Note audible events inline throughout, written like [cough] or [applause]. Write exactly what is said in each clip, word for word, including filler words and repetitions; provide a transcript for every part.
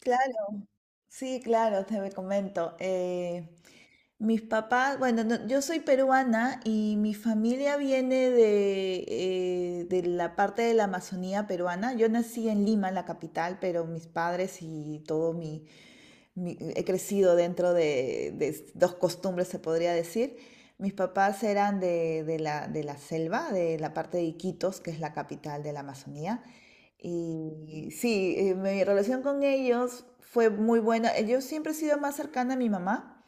Claro, sí, claro, te comento. Eh, mis papás, bueno, no- yo soy peruana y mi familia viene de, eh, de la parte de la Amazonía peruana. Yo nací en Lima, la capital, pero mis padres y todo mi, mi- he crecido dentro de, de dos costumbres, se podría decir. Mis papás eran de, de la, de la selva, de la parte de Iquitos, que es la capital de la Amazonía. Y sí, eh, mi relación con ellos fue muy buena. Eh, Yo siempre he sido más cercana a mi mamá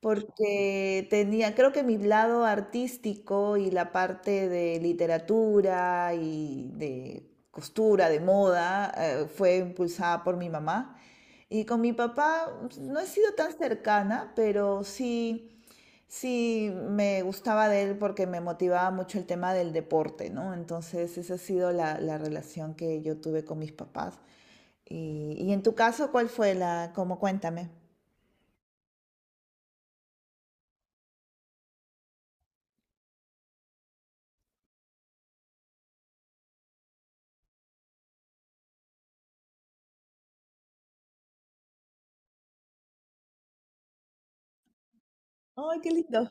porque tenía, creo que mi lado artístico y la parte de literatura y de costura, de moda, eh, fue impulsada por mi mamá. Y con mi papá pues, no he sido tan cercana, pero sí, sí me gustaba de él porque me motivaba mucho el tema del deporte, ¿no? Entonces esa ha sido la, la relación que yo tuve con mis papás. Y, y en tu caso, ¿cuál fue la, cómo cuéntame? Ay, qué lindo.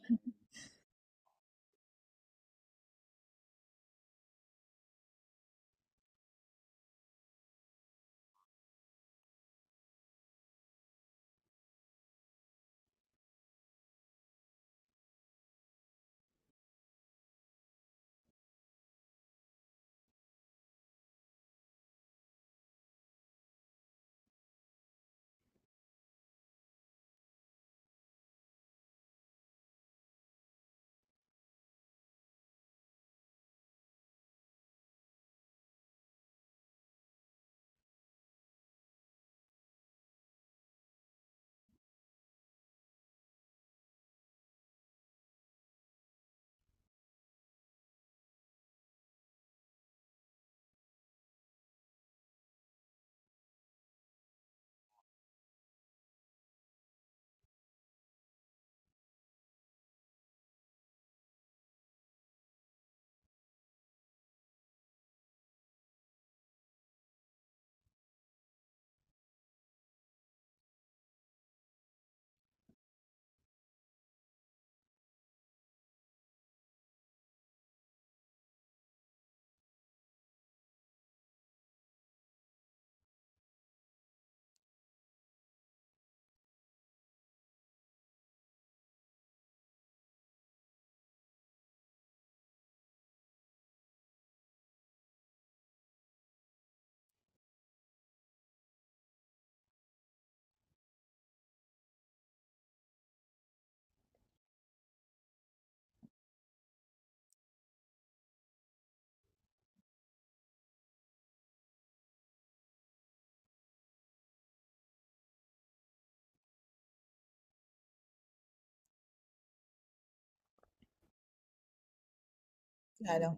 Claro.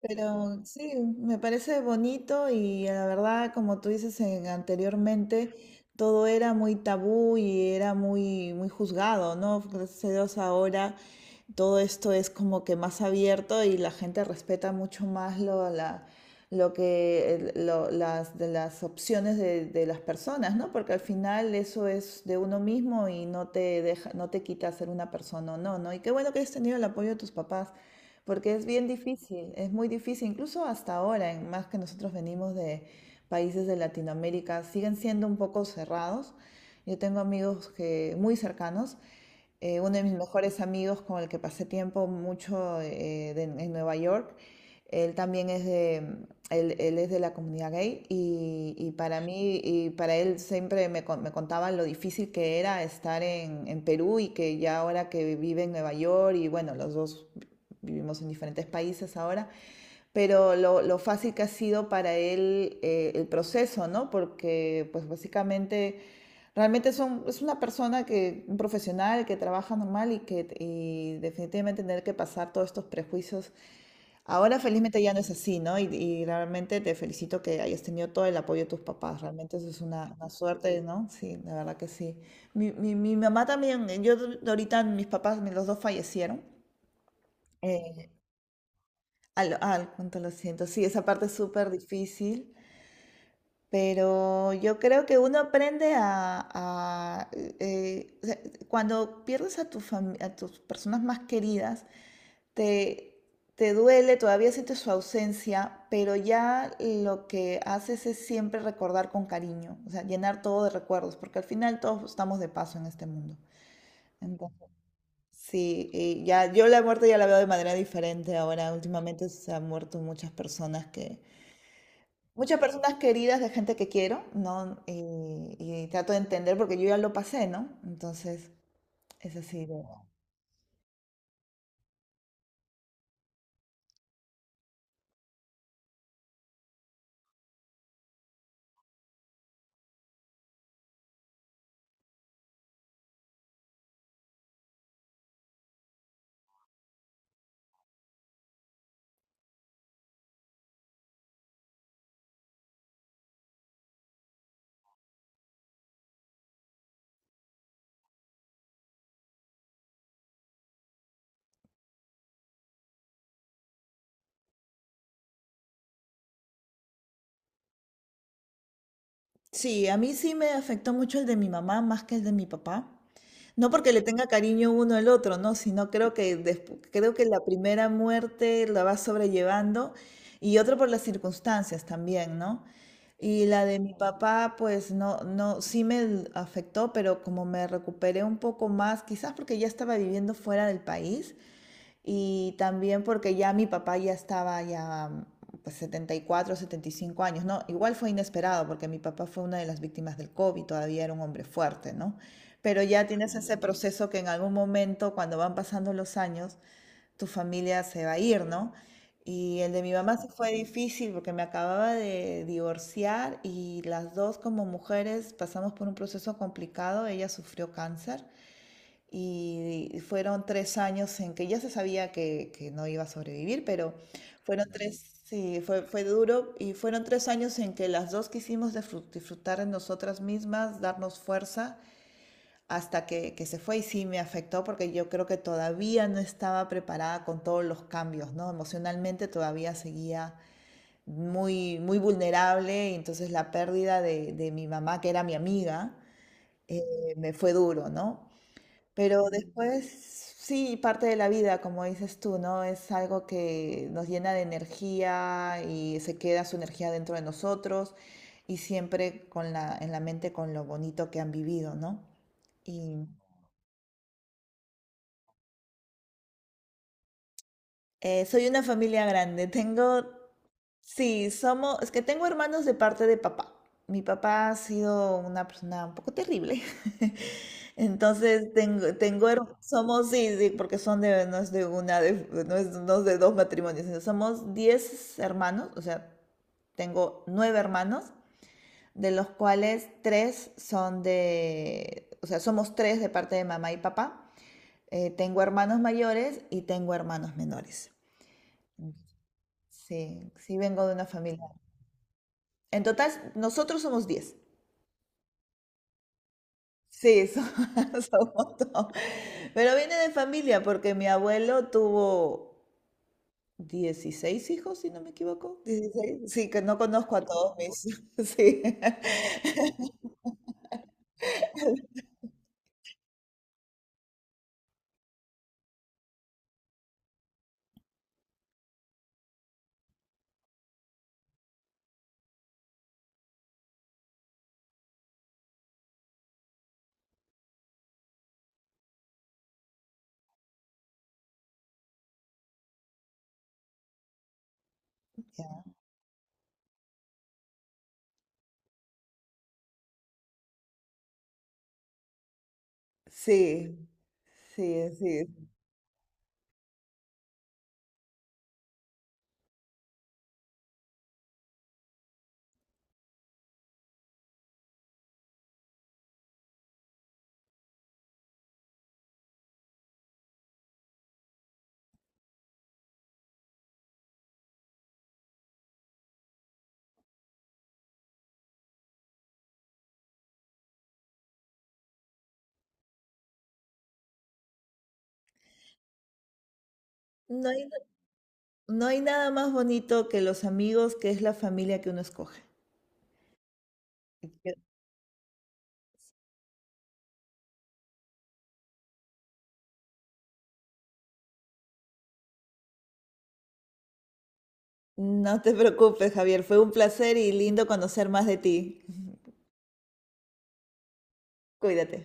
Pero sí, me parece bonito y la verdad, como tú dices en- anteriormente, todo era muy tabú y era muy, muy juzgado, ¿no? Gracias a Dios ahora todo esto es como que más abierto y la gente respeta mucho más lo, la, lo que, el- lo- las, de las opciones de, de las personas, ¿no? Porque al final eso es de uno mismo y no te deja, no te quita ser una persona o no, ¿no? Y qué bueno que hayas tenido el apoyo de tus papás. Porque es bien difícil, es muy difícil, incluso hasta ahora, en más que nosotros venimos de países de Latinoamérica, siguen siendo un poco cerrados. Yo tengo amigos que, muy cercanos, eh, uno de mis mejores amigos con el que pasé tiempo mucho eh, de- en Nueva York, él también es de, él, él es de la comunidad gay y, y para mí y para él siempre me, con- me contaba lo difícil que era estar en, en Perú y que ya ahora que vive en Nueva York y bueno, los dos vivimos en diferentes países ahora, pero lo, lo fácil que ha sido para él eh, el proceso, ¿no? Porque pues básicamente realmente es, un- es una persona que, un profesional que trabaja normal y que y definitivamente tener que pasar todos estos prejuicios. Ahora felizmente ya no es así, ¿no? Y, y realmente te felicito que hayas tenido todo el apoyo de tus papás. Realmente eso es una, una suerte, ¿no? Sí, la verdad que sí. Mi, mi- mi mamá también, yo ahorita mis papás, mis- los dos fallecieron. Eh, al, al Cuánto lo siento. Sí, esa parte es súper difícil, pero yo creo que uno aprende a, a, eh, o sea, cuando pierdes a, tu fami- a tus personas más queridas, te, te duele, todavía sientes su ausencia, pero ya lo que haces es siempre recordar con cariño, o sea, llenar todo de recuerdos, porque al final todos estamos de paso en este mundo. Entonces, sí, y ya yo la muerte ya la veo de manera diferente ahora. Últimamente se han muerto muchas personas. Muchas personas queridas de gente que quiero, ¿no? Y, y trato de entender porque yo ya lo pasé, ¿no? Entonces, es así de... Sí, a mí sí me afectó mucho el de mi mamá más que el de mi papá. No porque le tenga cariño uno al otro, ¿no? Sino creo que despu- creo que la primera muerte la va sobrellevando y otro por las circunstancias también, ¿no? Y la de mi papá, pues no, no, sí me l- afectó, pero como me recuperé un poco más, quizás porque ya estaba viviendo fuera del país. Y también porque ya mi papá ya estaba ya mm, pues setenta, setenta y cuatro, setenta y cinco años, ¿no? Igual fue inesperado porque mi papá fue una de las víctimas del COVID, todavía era un hombre fuerte, ¿no? Pero ya tienes ese proceso que en algún momento, cuando van pasando los años, tu familia se va a ir, ¿no? Y el de mi mamá sí fue difícil porque me acababa de divorciar y las dos como mujeres pasamos por un proceso complicado. Ella sufrió cáncer y fueron tres años en que ya se sabía que, que no iba a sobrevivir, pero fueron tres, sí, fue, fue duro. Y fueron tres años en que las dos quisimos disfru- disfrutar de nosotras mismas, darnos fuerza, hasta que, que se fue. Y sí me afectó porque yo creo que todavía no estaba preparada con todos los cambios, ¿no? Emocionalmente todavía seguía muy, muy vulnerable. Y entonces la pérdida de, de mi mamá, que era mi amiga, eh, me fue duro, ¿no? Pero después, sí, parte de la vida, como dices tú, ¿no? Es algo que nos llena de energía y se queda su energía dentro de nosotros y siempre con la, en la mente con lo bonito que han vivido, ¿no? Y eh, soy una familia grande, [laughs] tengo. Sí, somos, es que tengo hermanos de parte de papá. Mi papá ha sido una persona un poco terrible. [laughs] Entonces tengo, tengo her- somos, sí, sí, porque son de, no es de una, de, no es, no es de dos matrimonios, sino somos diez hermanos, o sea, tengo nueve hermanos, de los cuales tres son de, o sea, somos tres de parte de mamá y papá. Eh, tengo hermanos mayores y tengo hermanos menores. Sí, sí vengo de una familia. En total, nosotros somos diez. Sí, so- [laughs] somos todos. Pero viene de familia porque mi abuelo tuvo dieciséis hijos, si no me equivoco. Dieciséis, sí, que no conozco a todos mis. [laughs] Sí. Sí, sí, sí. No hay, no hay nada más bonito que los amigos, que es la familia que uno escoge. Así que no te preocupes, Javier. Fue un placer y lindo conocer más de ti. Cuídate.